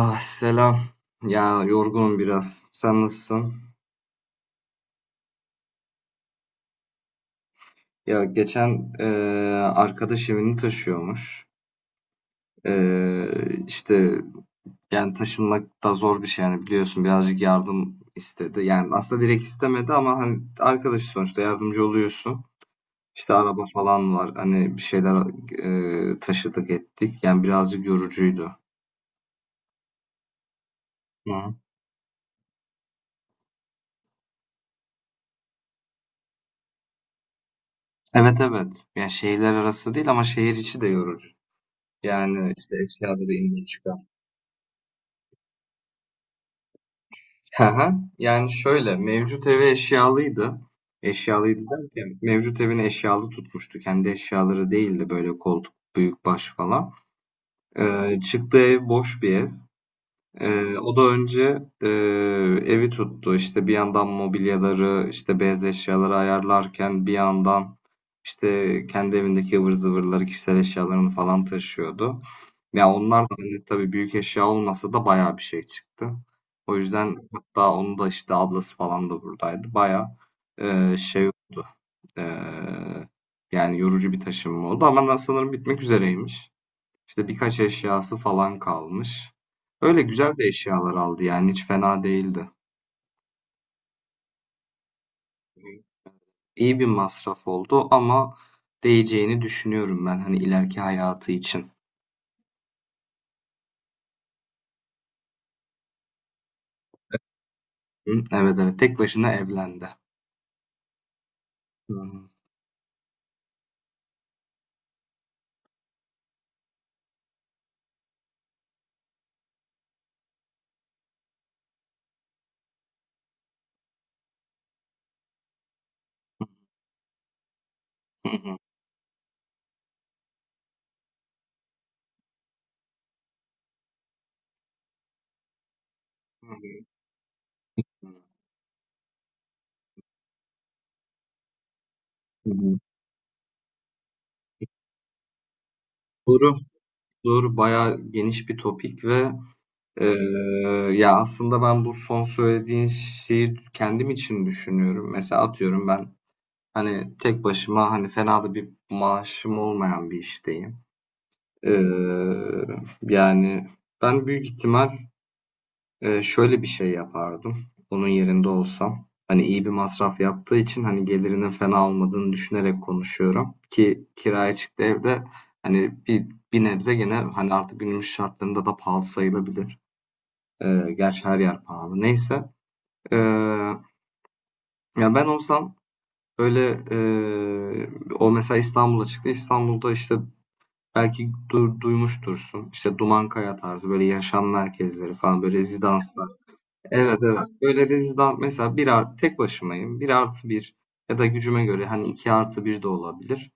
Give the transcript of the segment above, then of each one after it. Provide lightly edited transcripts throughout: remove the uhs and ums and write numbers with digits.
Ah selam. Ya yorgunum biraz. Sen nasılsın? Ya geçen arkadaş evini taşıyormuş. İşte yani taşınmak da zor bir şey yani biliyorsun birazcık yardım istedi. Yani aslında direkt istemedi ama hani arkadaş sonuçta yardımcı oluyorsun. İşte araba falan var. Hani bir şeyler taşıdık ettik. Yani birazcık yorucuydu. Hı hı. Evet evet. Yani şehirler arası değil ama şehir içi de yorucu. Yani işte eşyaları indir çıkar. Hı hı. Yani şöyle, mevcut evi eşyalıydı. Eşyalıydı derken mevcut evini eşyalı tutmuştu. Kendi eşyaları değildi böyle koltuk, büyük baş falan. Çıktığı ev boş bir ev. O da önce evi tuttu. İşte bir yandan mobilyaları, işte beyaz eşyaları ayarlarken bir yandan işte kendi evindeki ıvır zıvırları, kişisel eşyalarını falan taşıyordu. Ya onlar da hani tabii büyük eşya olmasa da bayağı bir şey çıktı. O yüzden hatta onu da işte ablası falan da buradaydı. Bayağı şey oldu. Eee, Yani yorucu bir taşınma oldu ama ben sanırım bitmek üzereymiş. İşte birkaç eşyası falan kalmış. Öyle güzel de eşyalar aldı yani hiç fena değildi. İyi bir masraf oldu ama değeceğini düşünüyorum ben hani ileriki hayatı için. Hı, evet evet tek başına evlendi. Hı hı. Hı hı. Hı hı. Soru, soru bayağı geniş bir topik ve eee, ya aslında ben bu son söylediğin şeyi kendim için düşünüyorum. Mesela atıyorum ben hani tek başıma hani fena da bir maaşım olmayan bir işteyim. Eee, Yani ben büyük ihtimal şöyle bir şey yapardım, onun yerinde olsam. Hani iyi bir masraf yaptığı için hani gelirinin fena olmadığını düşünerek konuşuyorum ki kiraya çıktı evde hani bir nebze gene hani artık günümüz şartlarında da pahalı sayılabilir. Gerçi her yer pahalı. Neyse. Eee, Ya ben olsam öyle o mesela İstanbul'a çıktı. İstanbul'da işte belki duymuştursun. İşte Dumankaya tarzı böyle yaşam merkezleri falan böyle rezidanslar. Evet evet. Böyle rezidans mesela tek başımayım. Bir artı bir ya da gücüme göre hani iki artı bir de olabilir.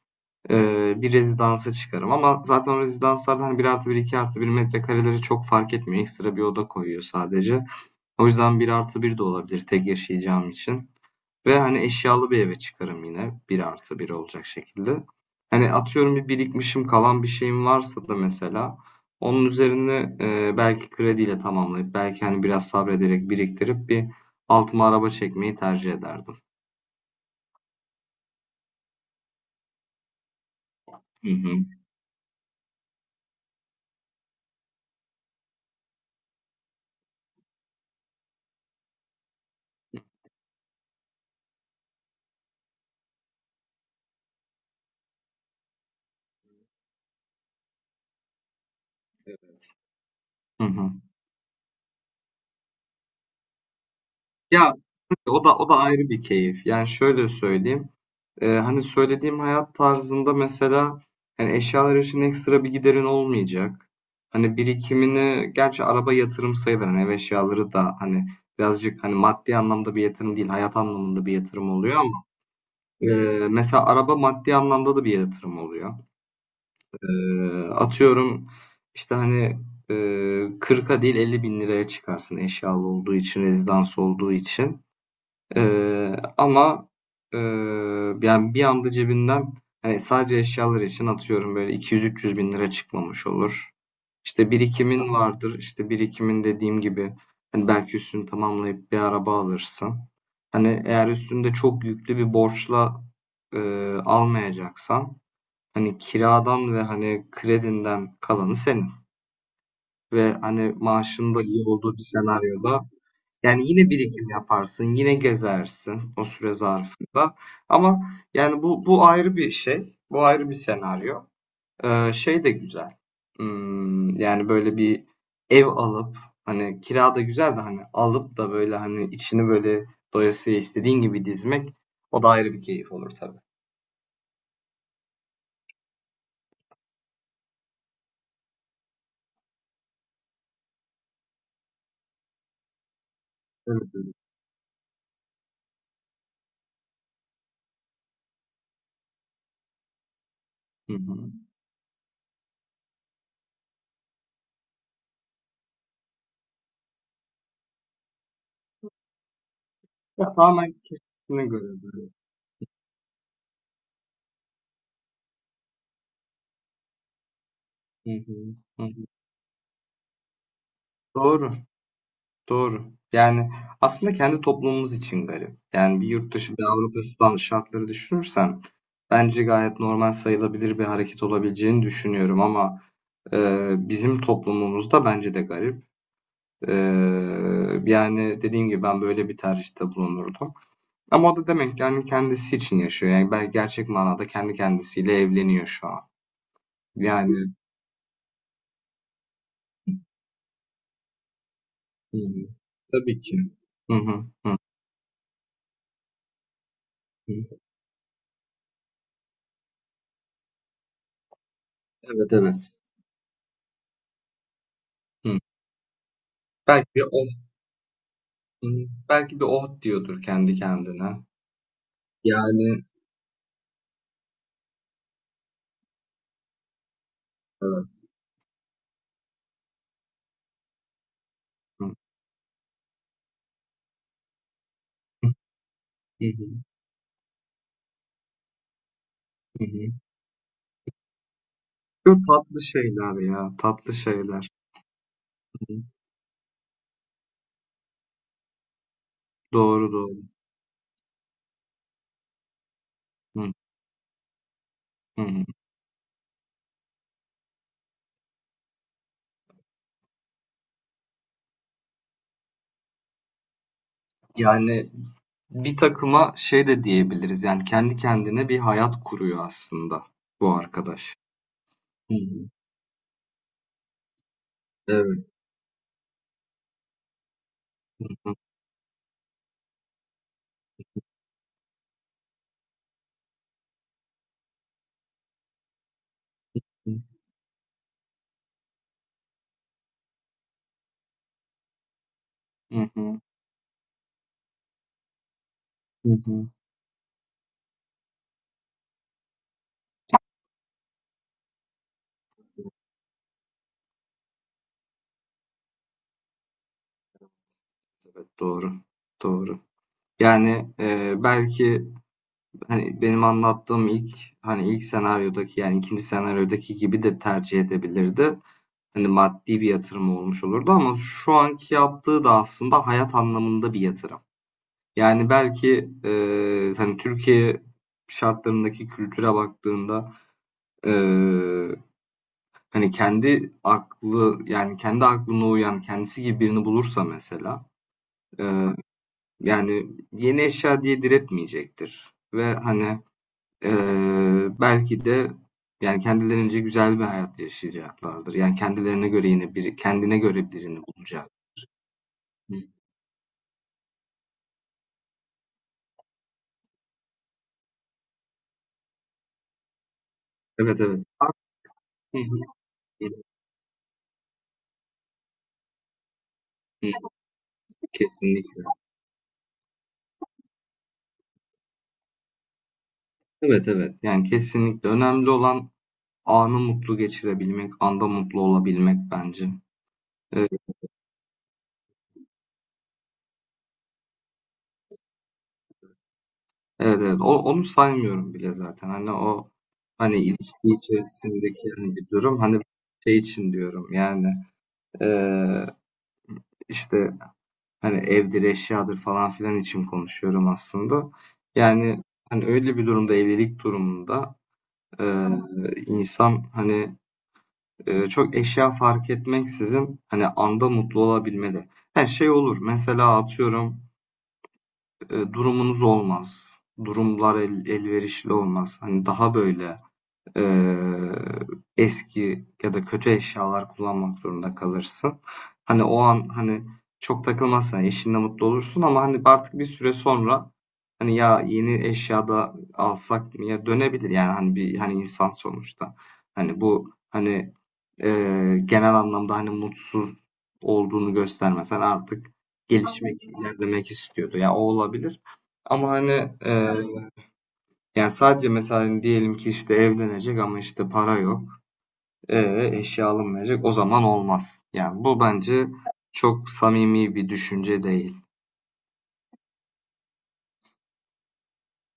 Bir rezidansa çıkarım. Ama zaten o rezidanslarda hani bir artı bir iki artı bir metrekareleri çok fark etmiyor. Ekstra bir oda koyuyor sadece. O yüzden bir artı bir de olabilir tek yaşayacağım için. Ve hani eşyalı bir eve çıkarım yine. Bir artı bir olacak şekilde. Hani atıyorum bir birikmişim kalan bir şeyim varsa da mesela onun üzerine belki krediyle tamamlayıp belki hani biraz sabrederek biriktirip bir altıma araba çekmeyi tercih ederdim. Hı hı. Hı hı. Ya o da ayrı bir keyif. Yani şöyle söyleyeyim. Hani söylediğim hayat tarzında mesela hani eşyalar için ekstra bir giderin olmayacak. Hani birikimini gerçi araba yatırım sayılır. Hani ev eşyaları da hani birazcık hani maddi anlamda bir yatırım değil hayat anlamında bir yatırım oluyor ama mesela araba maddi anlamda da bir yatırım oluyor. Atıyorum işte hani eee 40'a değil 50 bin liraya çıkarsın eşyalı olduğu için, rezidans olduğu için. Ama eee, yani bir anda cebinden hani sadece eşyalar için atıyorum böyle 200-300 bin lira çıkmamış olur. İşte birikimin vardır. İşte birikimin dediğim gibi hani belki üstünü tamamlayıp bir araba alırsın. Hani eğer üstünde çok yüklü bir borçla almayacaksan hani kiradan ve hani kredinden kalanı senin. Ve hani maaşın da iyi olduğu bir senaryoda yani yine birikim yaparsın, yine gezersin o süre zarfında. Ama yani bu ayrı bir şey, bu ayrı bir senaryo. Şey de güzel. Yani böyle bir ev alıp hani kira da güzel de hani alıp da böyle hani içini böyle doyasıya istediğin gibi dizmek o da ayrı bir keyif olur tabii. Evet. Hı hı. Ya tamamen keyfine göre böyle. Hı hı. Hı hı. Doğru. Doğru. Yani aslında kendi toplumumuz için garip. Yani bir yurt dışı, bir Avrupa'sından şartları düşünürsen bence gayet normal sayılabilir bir hareket olabileceğini düşünüyorum ama bizim toplumumuzda bence de garip. E, Yani dediğim gibi ben böyle bir tercihte bulunurdum. Ama o da demek ki yani kendisi için yaşıyor. Yani belki gerçek manada kendi kendisiyle evleniyor şu an. Yani, hı, tabii ki. Hı hı, hı, hı. Evet evet. Hı. Belki o Belki de "Oh!" diyordur kendi kendine. Yani evet. Hı hı. Hı hı. Hı. Çok tatlı şeyler ya, tatlı şeyler. Hı hı. Doğru, doğru. Hı. Hı hı. Yani bir takıma şey de diyebiliriz, yani kendi kendine bir hayat kuruyor aslında bu arkadaş. Hı hı. Evet. Hı hı. Hı hı. Hı hı. Evet, doğru. Doğru. Yani, belki hani benim anlattığım ilk hani ilk senaryodaki yani ikinci senaryodaki gibi de tercih edebilirdi. Hani maddi bir yatırım olmuş olurdu ama şu anki yaptığı da aslında hayat anlamında bir yatırım. Yani belki hani Türkiye şartlarındaki kültüre baktığında e, hani kendi aklı yani kendi aklına uyan kendisi gibi birini bulursa mesela e, yani yeni eşya diye diretmeyecektir. Ve hani belki de yani kendilerince güzel bir hayat yaşayacaklardır. Yani kendilerine göre yine biri kendine göre birini bulacak. Hı. Evet, evet. Hı hı. Hı hı. Kesinlikle. Evet, evet. Yani kesinlikle. Önemli olan anı mutlu geçirebilmek, anda mutlu olabilmek bence. Evet, evet. Evet. Onu saymıyorum bile zaten. Hani o hani ilişki içerisindeki hani bir durum hani şey için diyorum yani eee, işte. Hani evdir, eşyadır falan filan için konuşuyorum aslında. Yani hani öyle bir durumda, evlilik durumunda e, insan hani çok eşya fark etmeksizin hani anda mutlu olabilmeli. Her şey olur. Mesela atıyorum durumunuz olmaz. Durumlar elverişli olmaz. Hani daha böyle eee, eski ya da kötü eşyalar kullanmak zorunda kalırsın. Hani o an hani çok takılmazsan eşinle mutlu olursun ama hani artık bir süre sonra hani ya yeni eşyada alsak mı ya dönebilir yani hani bir hani insan sonuçta. Hani bu hani genel anlamda hani mutsuz olduğunu göstermesen artık gelişmek, ilerlemek istiyordu. Ya o olabilir. Ama hani eee, yani sadece mesela diyelim ki işte evlenecek ama işte para yok. Eşya alınmayacak. O zaman olmaz. Yani bu bence çok samimi bir düşünce değil.